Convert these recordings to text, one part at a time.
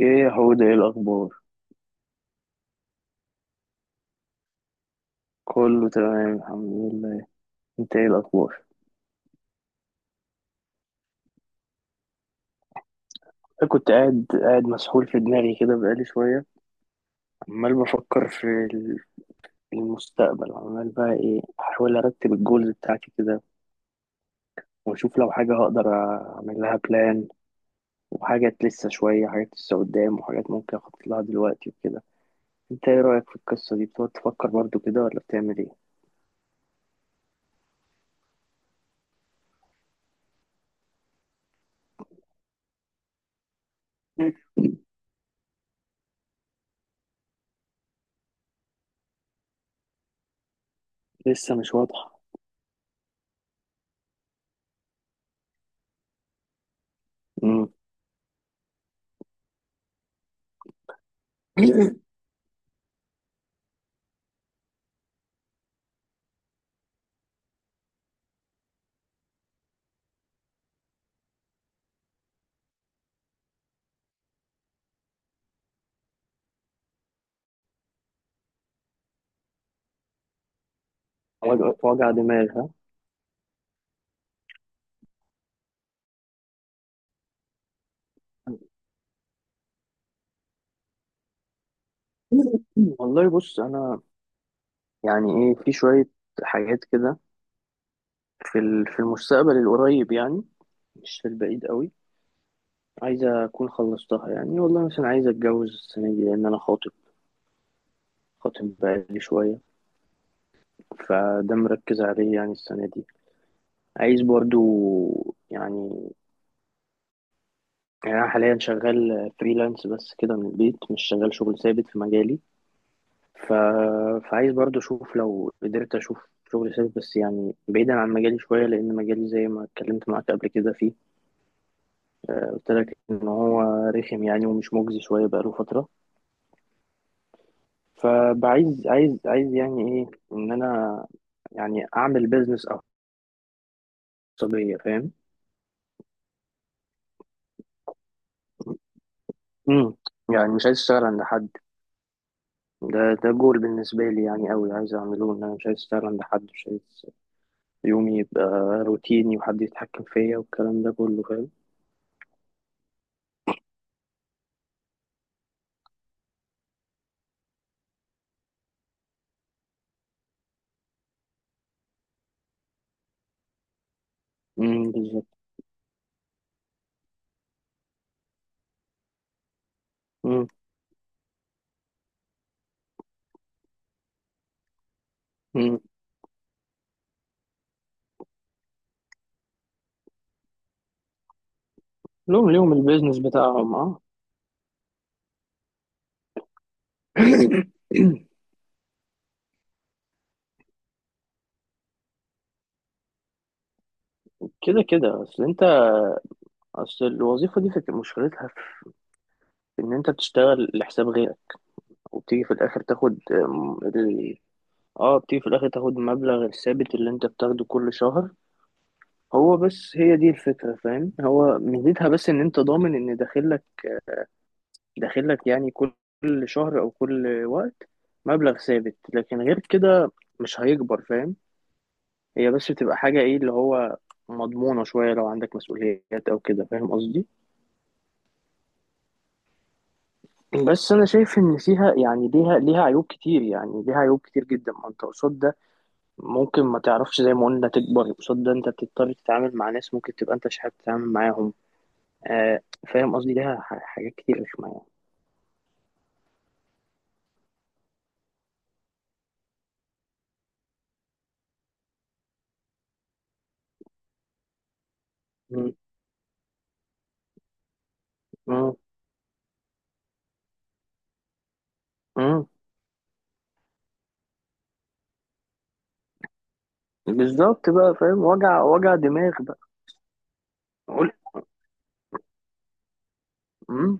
ايه يا حود، ايه الاخبار؟ كله تمام الحمد لله. انت ايه الاخبار؟ انا كنت قاعد مسحول في دماغي كده بقالي شويه. عمال بفكر في المستقبل. عمال بقى ايه، احاول ارتب الجولز بتاعتي كده، واشوف لو حاجه هقدر اعمل لها بلان، وحاجات لسه شويه، حاجات لسه قدام، وحاجات ممكن اخطط لها دلوقتي وكده. انت ايه رايك في القصه دي؟ بتقعد تفكر برضو كده ولا بتعمل ايه؟ لسه مش واضحه. امم وجع، وجع دماغ. ها، والله بص، انا يعني ايه، في شوية حاجات كده في في المستقبل القريب، يعني مش في البعيد قوي، عايزة أكون خلصتها. يعني والله مثلا عايز أتجوز السنة دي، لأن أنا خاطب، خاطب بقالي شوية. فده مركز عليه يعني السنة دي. عايز برضو، يعني، يعني أنا حاليا شغال فريلانس بس كده من البيت، مش شغال شغل ثابت في مجالي، ف... فعايز برضو أشوف، لو قدرت أشوف شغل ثابت، بس يعني بعيدا عن مجالي شوية، لأن مجالي زي ما اتكلمت معاك قبل كده فيه، قلت لك ان هو رخم يعني ومش مجزي شويه بقاله فتره. فبعايز عايز عايز يعني ايه، ان انا يعني اعمل بيزنس خاصيه، فاهم؟ امم يعني مش عايز اشتغل عند حد. ده جول بالنسبه لي يعني قوي، عايز اعمله، ان انا مش عايز اشتغل عند حد. مش عايز يومي يبقى روتيني، وحد يتحكم فيا والكلام ده كله، فاهم؟ امم، بالظبط. امم. امم. لهم، ليهم البيزنس بتاعهم، اه. كده كده، اصل انت، اصل الوظيفه دي مشكلتها ان انت بتشتغل لحساب غيرك، وبتيجي في الاخر تاخد اه، بتيجي في الاخر تاخد المبلغ الثابت اللي انت بتاخده كل شهر هو بس. هي دي الفكرة، فاهم؟ هو ميزتها بس ان انت ضامن ان داخلك يعني كل، كل شهر او كل وقت مبلغ ثابت. لكن غير كده مش هيكبر، فاهم؟ هي بس بتبقى حاجة ايه اللي هو مضمونة شوية لو عندك مسؤوليات او كده، فاهم قصدي؟ بس انا شايف ان فيها يعني ليها عيوب كتير، يعني ليها عيوب كتير جدا. ما انت قصاد ده ممكن ما تعرفش زي ما قلنا تكبر. قصاد ده انت بتضطر تتعامل مع ناس ممكن تبقى انت مش حابب تتعامل معاهم، آه. فاهم قصدي؟ ليها حاجات كتير رخمة يعني. مم. مم. مم. بالظبط بقى، فاهم؟ وجع، وجع دماغ بقى. قول. مم.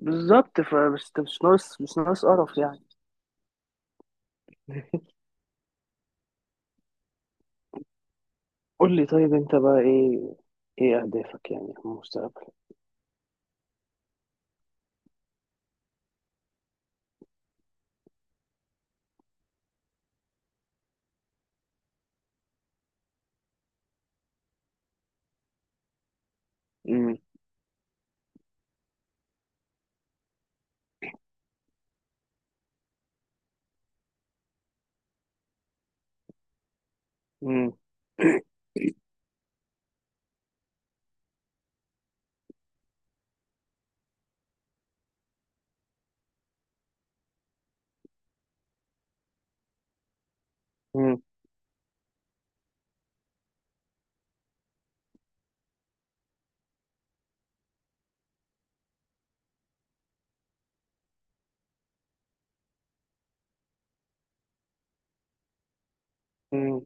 بالظبط. فبس انت مش ناقص، مش ناقص قرف يعني. قول لي، طيب انت بقى ايه؟ ايه اهدافك يعني في المستقبل؟ مم. مم. مم. مم.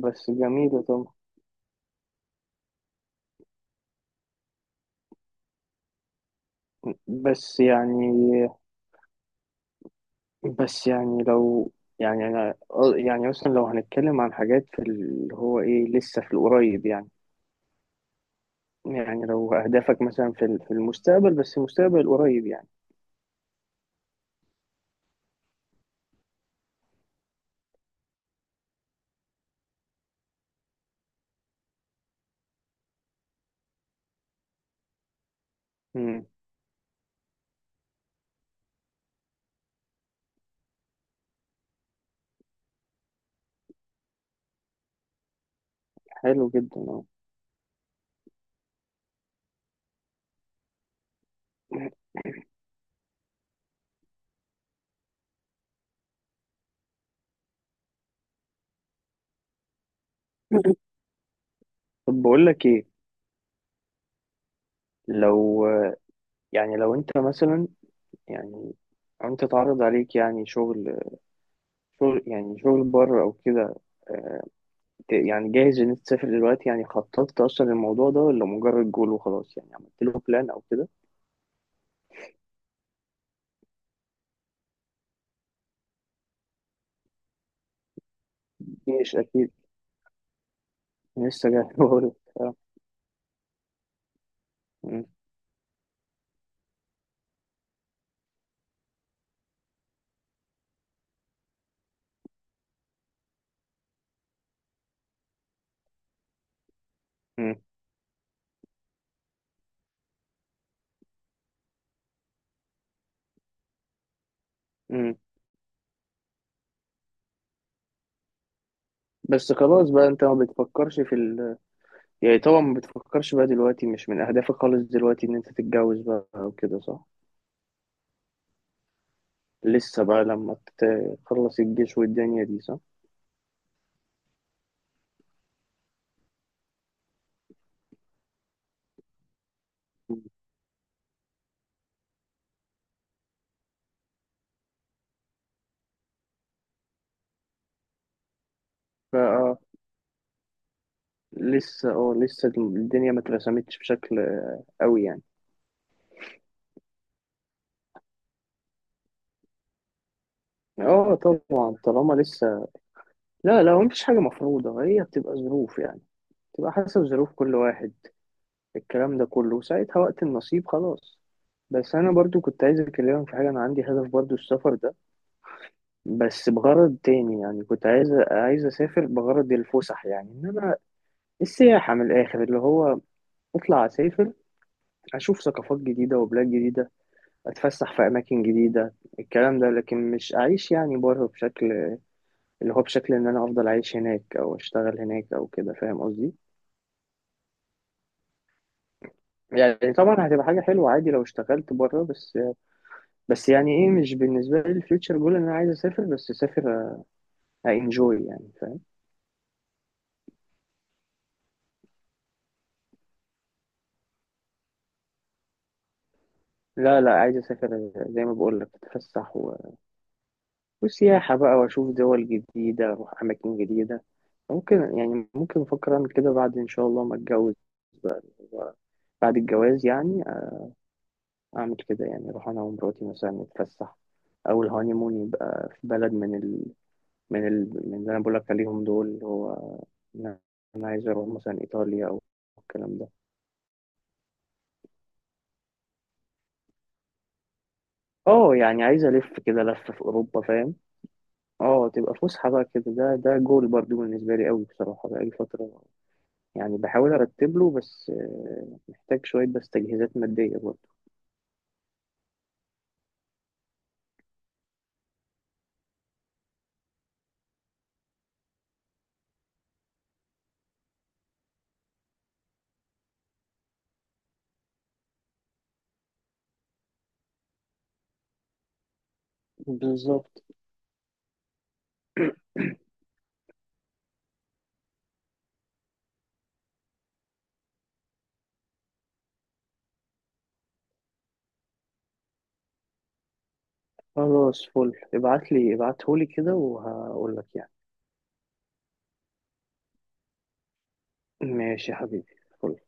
بس جميلة طبعا. بس يعني، بس يعني لو، يعني انا، يعني مثلا لو هنتكلم عن حاجات في اللي هو ايه لسه في القريب يعني، يعني لو اهدافك مثلا في في المستقبل، بس المستقبل القريب يعني. امم. حلو جدا، اه. طب بقول لك ايه، لو، يعني لو انت مثلا، يعني أو انت تعرض عليك يعني شغل، شغل، يعني شغل بره او كده، آه، يعني جاهز ان انت تسافر دلوقتي؟ يعني خططت اصلا للموضوع ده ولا مجرد جول وخلاص؟ يعني عملت له بلان او كده؟ مش اكيد لسه جاي. بقول آه. م- م- م. بس خلاص بقى، انت ما بتفكرش في يعني طبعا ما بتفكرش بقى دلوقتي، مش من اهدافك خالص دلوقتي ان انت تتجوز بقى او كده، صح؟ لسه بقى لما تخلص الجيش والدنيا دي، صح؟ مم. بقى لسه اه، لسه الدنيا ما اترسمتش بشكل قوي يعني. اه طبعا، طالما لسه، لا لا، هو مفيش حاجة مفروضة، هي بتبقى ظروف يعني، بتبقى حسب ظروف كل واحد، الكلام ده كله. وساعتها وقت النصيب، خلاص. بس انا برضو كنت عايز اكلمك في حاجه، انا عندي هدف برضو السفر ده، بس بغرض تاني. يعني كنت عايز اسافر بغرض الفسح، يعني ان انا، السياحه من الاخر، اللي هو اطلع اسافر، اشوف ثقافات جديده وبلاد جديده، اتفسح في اماكن جديده، الكلام ده. لكن مش اعيش يعني بره، بشكل اللي هو بشكل ان انا افضل عايش هناك او اشتغل هناك او كده، فاهم قصدي؟ يعني طبعا هتبقى حاجه حلوه عادي لو اشتغلت بره، بس بس يعني ايه، مش بالنسبة لي الفيوتشر جول ان انا عايز اسافر. بس اسافر، انجوي يعني، فاهم؟ لا لا، عايز اسافر، زي ما بقول لك، اتفسح وسياحة بقى واشوف دول جديدة، اروح اماكن جديدة. ممكن يعني، ممكن افكر اعمل كده بعد ان شاء الله ما اتجوز بقى و- بعد الجواز يعني، اعمل كده يعني، اروح انا ومراتي مثلا نتفسح، او الهانيمون يبقى في بلد من من من اللي انا بقول لك عليهم دول، اللي هو انا، أنا عايز اروح مثلا ايطاليا او الكلام ده. اه يعني عايز الف كده لفه في اوروبا، فاهم؟ اه تبقى فسحه بقى كده. ده جول برضو بالنسبه لي قوي بصراحه بقالي فتره، يعني بحاول ارتب له، بس محتاج شويه بس تجهيزات ماديه برضو. بالظبط، خلاص فل، ابعته لي كده وهقول لك يعني. ماشي يا حبيبي، فل.